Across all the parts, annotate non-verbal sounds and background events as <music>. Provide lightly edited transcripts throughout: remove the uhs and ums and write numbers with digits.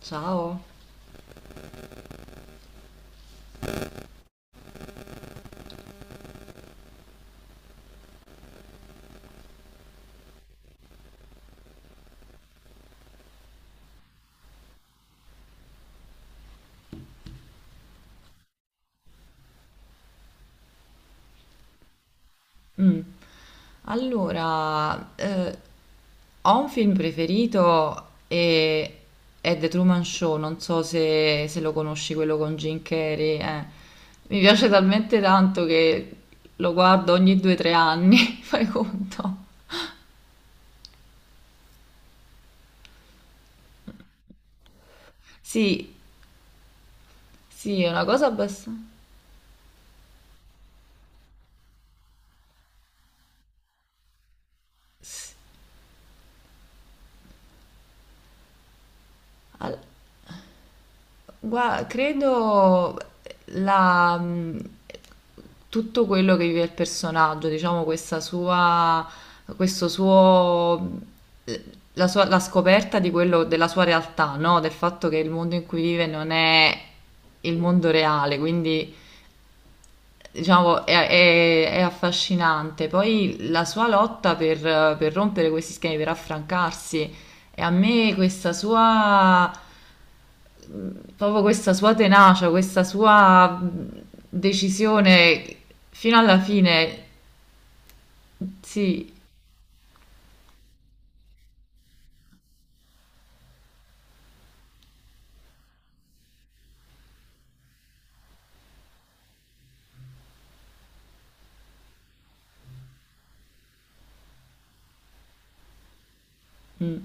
Ciao. Mh. Allora, ho un film preferito e è The Truman Show, non so se lo conosci, quello con Jim Carrey. Mi piace talmente tanto che lo guardo ogni due o tre anni, <laughs> fai conto. Sì, sì, è una cosa abbastanza... Gua credo la, mh, tutto quello che vive il personaggio, diciamo questa sua, questo suo, la sua, la scoperta della sua realtà, no? Del fatto che il mondo in cui vive non è il mondo reale, quindi diciamo è affascinante. Poi la sua lotta per rompere questi schemi, per affrancarsi, e a me questa sua proprio questa sua tenacia, questa sua decisione fino alla fine. Sì, mm,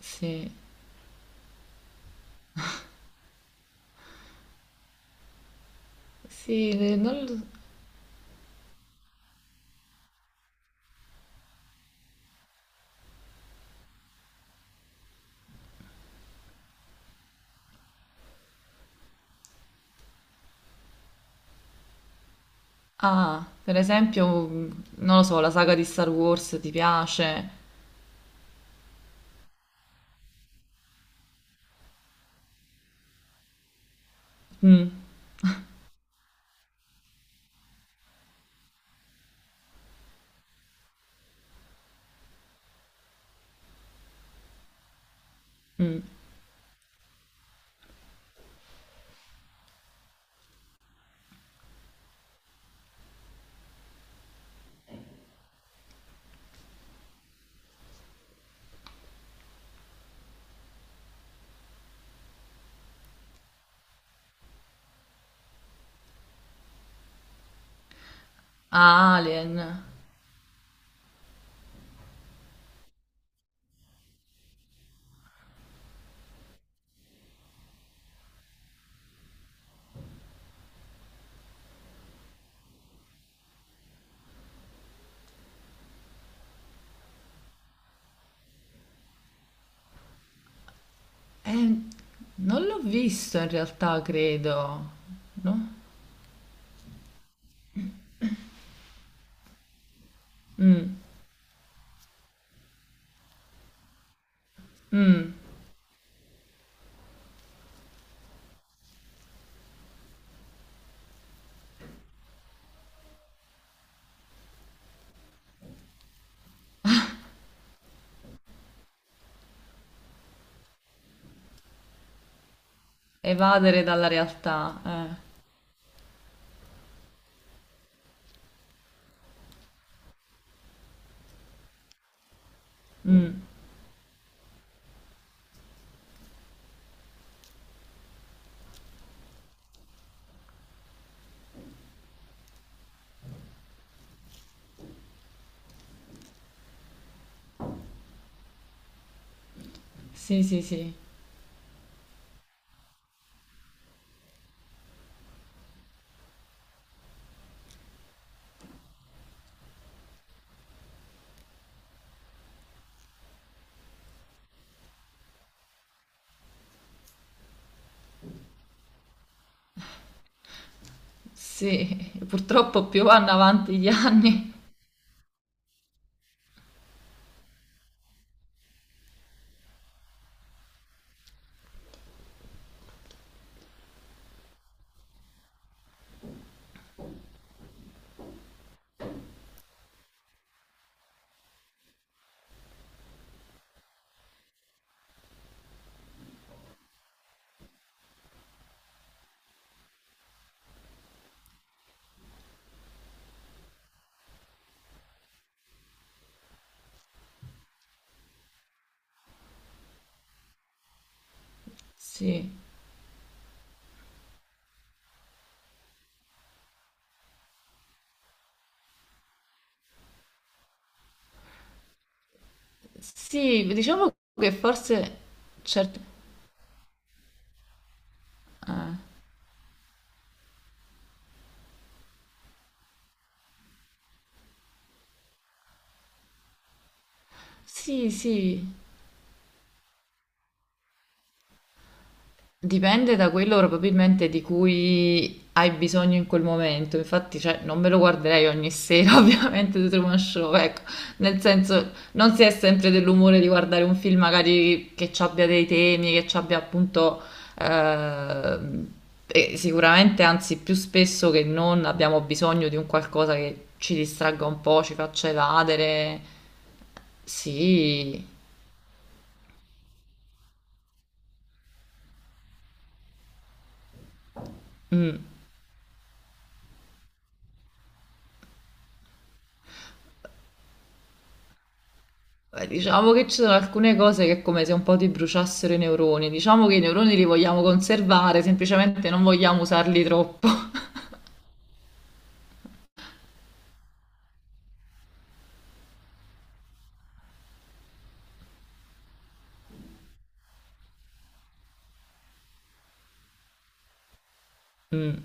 sì, sì, non so. Ah, per esempio, mm, non lo so, la saga di Star Wars ti piace? Mm, mm. Ah, Alien. Eh, non l'ho visto in realtà, credo. No? Mm, mm. Evadere dalla realtà. Mm. Sì, sì, sì. Sì, purtroppo più vanno avanti gli anni. Sì, sì, diciamo che forse certi... eh, sì, sì. Dipende da quello probabilmente di cui hai bisogno in quel momento, infatti cioè, non me lo guarderei ogni sera <laughs> ovviamente The Truman Show, ecco, nel senso non si è sempre dell'umore di guardare un film magari che ci abbia dei temi, che ci abbia appunto ehm, e sicuramente anzi più spesso che non abbiamo bisogno di un qualcosa che ci distragga un po', ci faccia evadere, sì. Mm. Beh, diciamo che ci sono alcune cose che è come se un po' ti bruciassero i neuroni. Diciamo che i neuroni li vogliamo conservare, semplicemente non vogliamo usarli troppo. <laughs> Mm,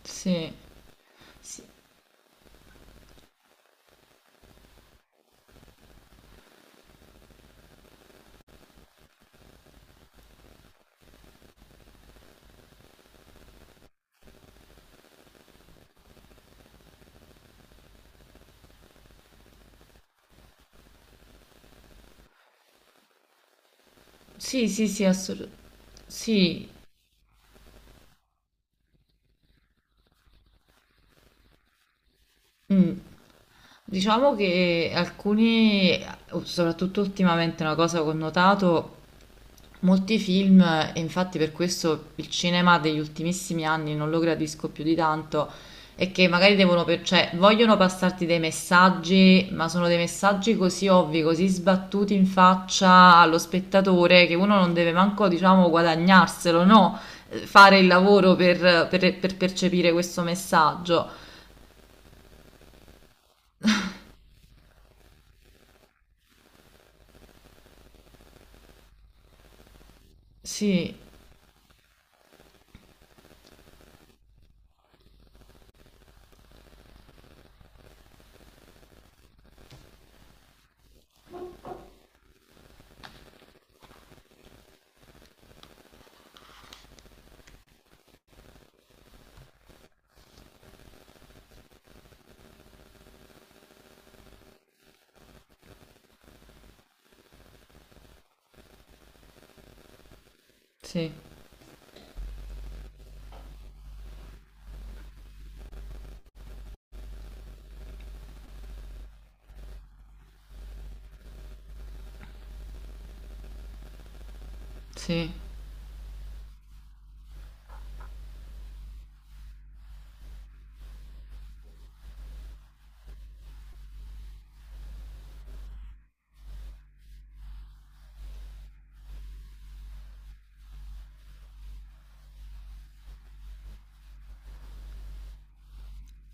sì, sì, sì, sì, sì, assolut- Sì, mm. Diciamo che alcuni, soprattutto ultimamente, una cosa che ho notato. Molti film, e infatti per questo il cinema degli ultimissimi anni non lo gradisco più di tanto, è che magari cioè, vogliono passarti dei messaggi, ma sono dei messaggi così ovvi, così sbattuti in faccia allo spettatore che uno non deve manco, diciamo, guadagnarselo, no? Fare il lavoro per percepire questo messaggio. Sì, sì, sì,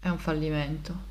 è un fallimento.